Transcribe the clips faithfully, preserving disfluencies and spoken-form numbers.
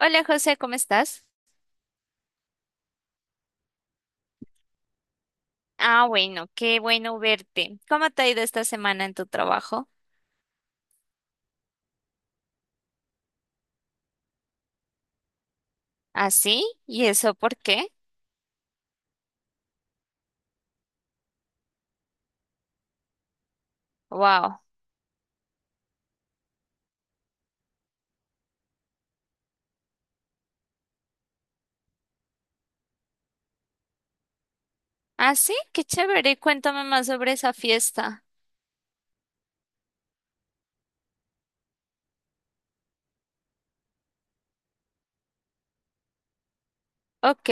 Hola José, ¿cómo estás? Ah, bueno, qué bueno verte. ¿Cómo te ha ido esta semana en tu trabajo? ¿Ah, sí? ¿Y eso por qué? Wow. ¿Ah, sí? Qué chévere. Cuéntame más sobre esa fiesta. Ok,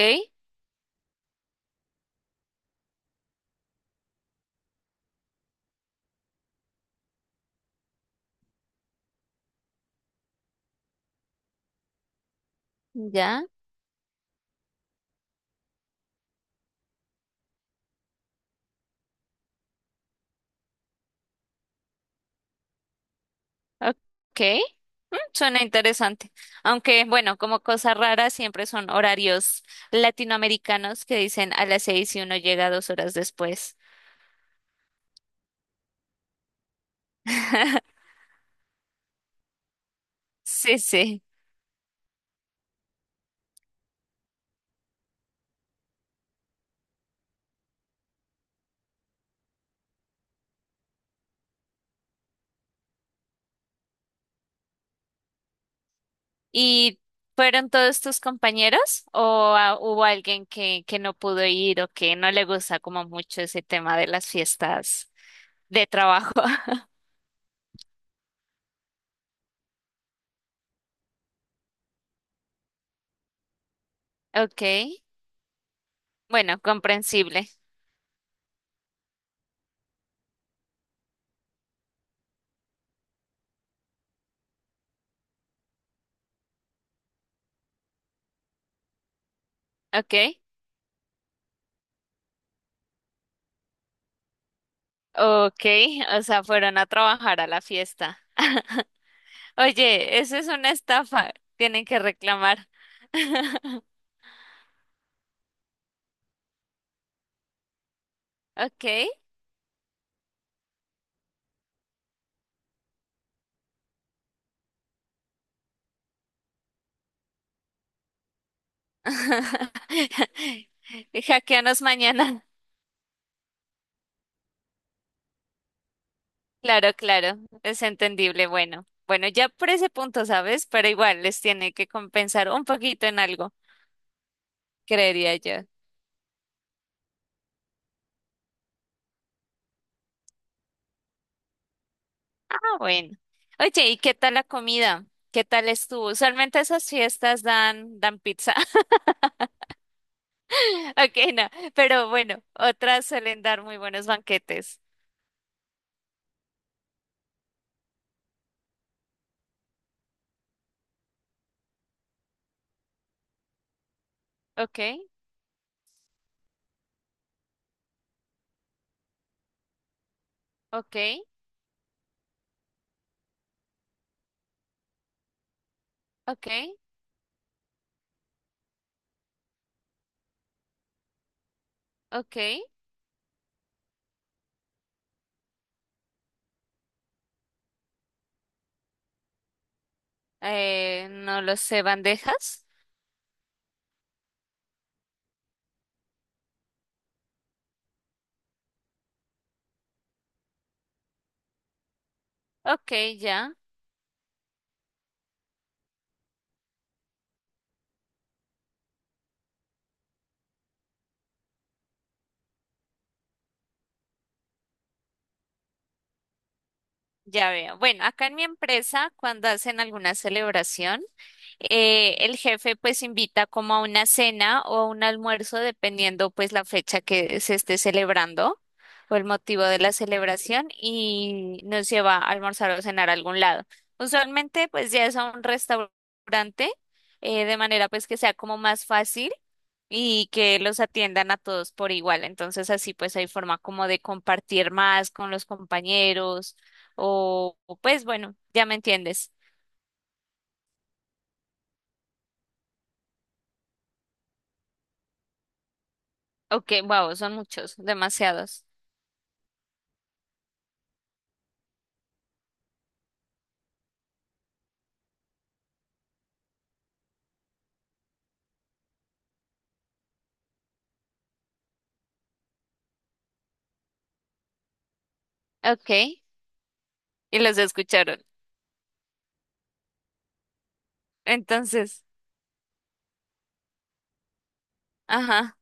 ya. Ok. Mm, suena interesante. Aunque, bueno, como cosa rara, siempre son horarios latinoamericanos que dicen a las seis y uno llega dos horas después. Sí, sí. ¿Y fueron todos tus compañeros o ah, hubo alguien que, que no pudo ir o que no le gusta como mucho ese tema de las fiestas de trabajo? Ok, bueno, comprensible. Ok, ok, o sea, fueron a trabajar a la fiesta. Oye, eso es una estafa, tienen que reclamar. Ok. Hackeanos mañana. Claro, claro, es entendible. Bueno, bueno, ya por ese punto, ¿sabes? Pero igual les tiene que compensar un poquito en algo, creería yo. Ah, bueno. Oye, ¿y qué tal la comida? ¿Qué tal estuvo? Usualmente esas fiestas dan, dan pizza. Ok, no, pero bueno, otras suelen dar muy buenos banquetes. Ok, ok, ok, ok. Eh, no lo sé, bandejas. Ok, ya. Ya veo. Bueno, acá en mi empresa, cuando hacen alguna celebración, eh, el jefe pues invita como a una cena o a un almuerzo, dependiendo pues la fecha que se esté celebrando o el motivo de la celebración y nos lleva a almorzar o cenar a algún lado. Usualmente pues ya es a un restaurante, eh, de manera pues que sea como más fácil y que los atiendan a todos por igual. Entonces así pues hay forma como de compartir más con los compañeros o, o, pues bueno, ya me entiendes. Ok, wow, son muchos, demasiados. Ok, y los escucharon. Entonces, ajá,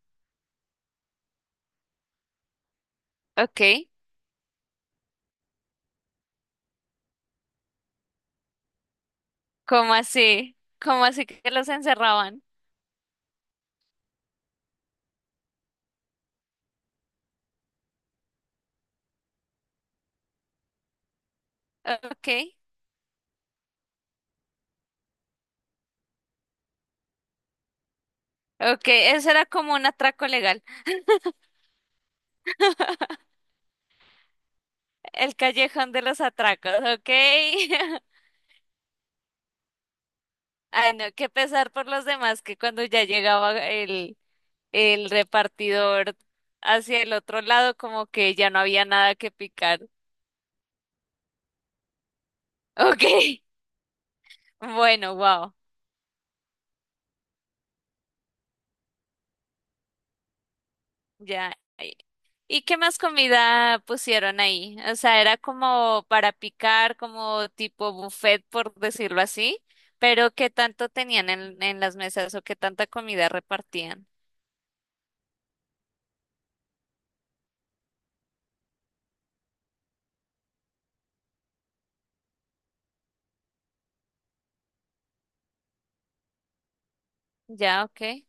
ok. ¿Cómo así? ¿Cómo así que los encerraban? Ok, ok, eso era como un atraco legal. El callejón de los atracos, ok. Ay, no, qué pesar por los demás que cuando ya llegaba el, el repartidor hacia el otro lado, como que ya no había nada que picar. Ok, bueno, wow. Ya. ¿Y y qué más comida pusieron ahí? O sea, era como para picar, como tipo buffet, por decirlo así, pero ¿qué tanto tenían en, en las mesas o qué tanta comida repartían? Ya, ok.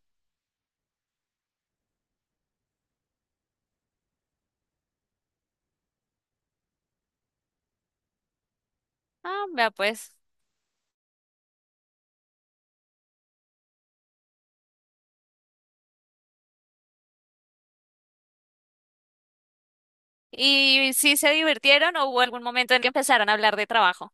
Ah, vea pues. ¿Y si se divirtieron o hubo algún momento en que empezaron a hablar de trabajo?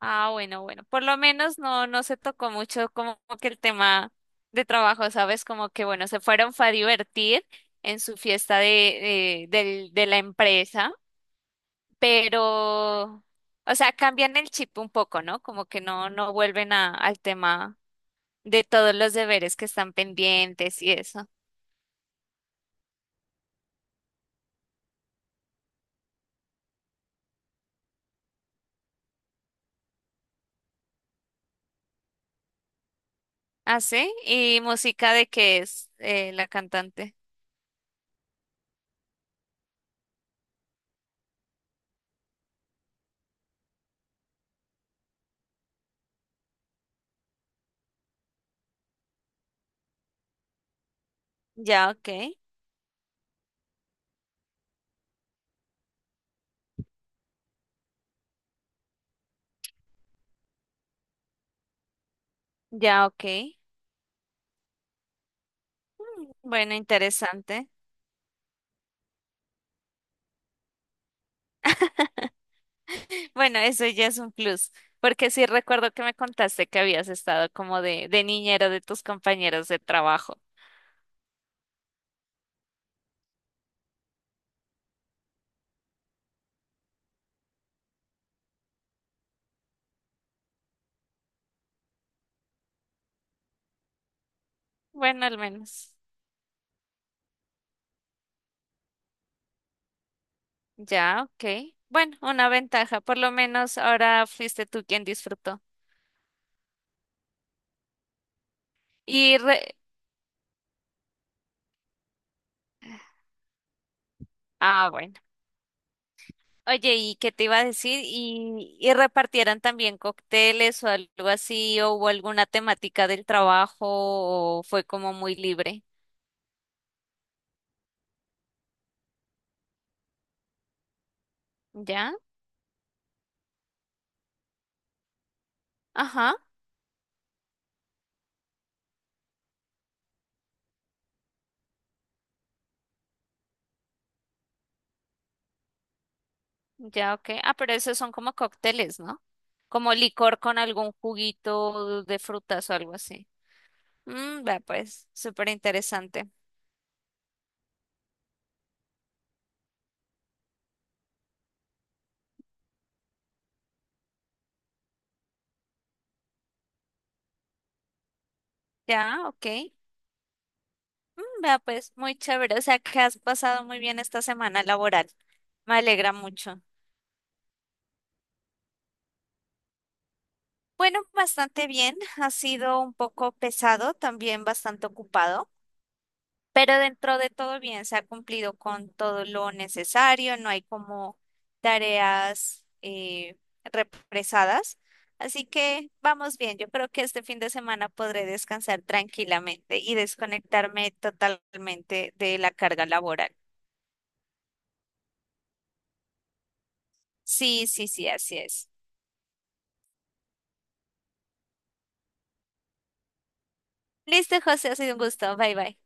Ah, bueno, bueno. Por lo menos no, no se tocó mucho como que el tema de trabajo, ¿sabes? Como que bueno, se fueron fue a divertir en su fiesta de, de, del- de la empresa, pero, o sea, cambian el chip un poco, ¿no? Como que no, no vuelven a, al tema de todos los deberes que están pendientes y eso. Ah, sí. ¿Y música de qué es eh, la cantante? Ya, ok. Ya, ok. Mm, bueno, interesante. Bueno, eso ya es un plus, porque sí recuerdo que me contaste que habías estado como de, de niñero de tus compañeros de trabajo. Bueno, al menos. Ya, ok. Bueno, una ventaja, por lo menos ahora fuiste tú quien disfrutó. Y re- Ah, bueno. Oye, ¿y qué te iba a decir? ¿Y, y repartieran también cócteles o algo así? ¿O hubo alguna temática del trabajo? ¿O fue como muy libre? ¿Ya? Ajá, ya, ok. Ah, pero esos son como cócteles, ¿no? Como licor con algún juguito de frutas o algo así. Mm, vea pues, súper interesante. Ya, ok. Mm, vea pues, muy chévere. O sea, que has pasado muy bien esta semana laboral. Me alegra mucho. Bueno, bastante bien. Ha sido un poco pesado, también bastante ocupado. Pero dentro de todo bien, se ha cumplido con todo lo necesario, no hay como tareas eh, represadas. Así que vamos bien, yo creo que este fin de semana podré descansar tranquilamente y desconectarme totalmente de la carga laboral. Sí, sí, sí, así es. Listo, José, ha sido un gusto. Bye, bye.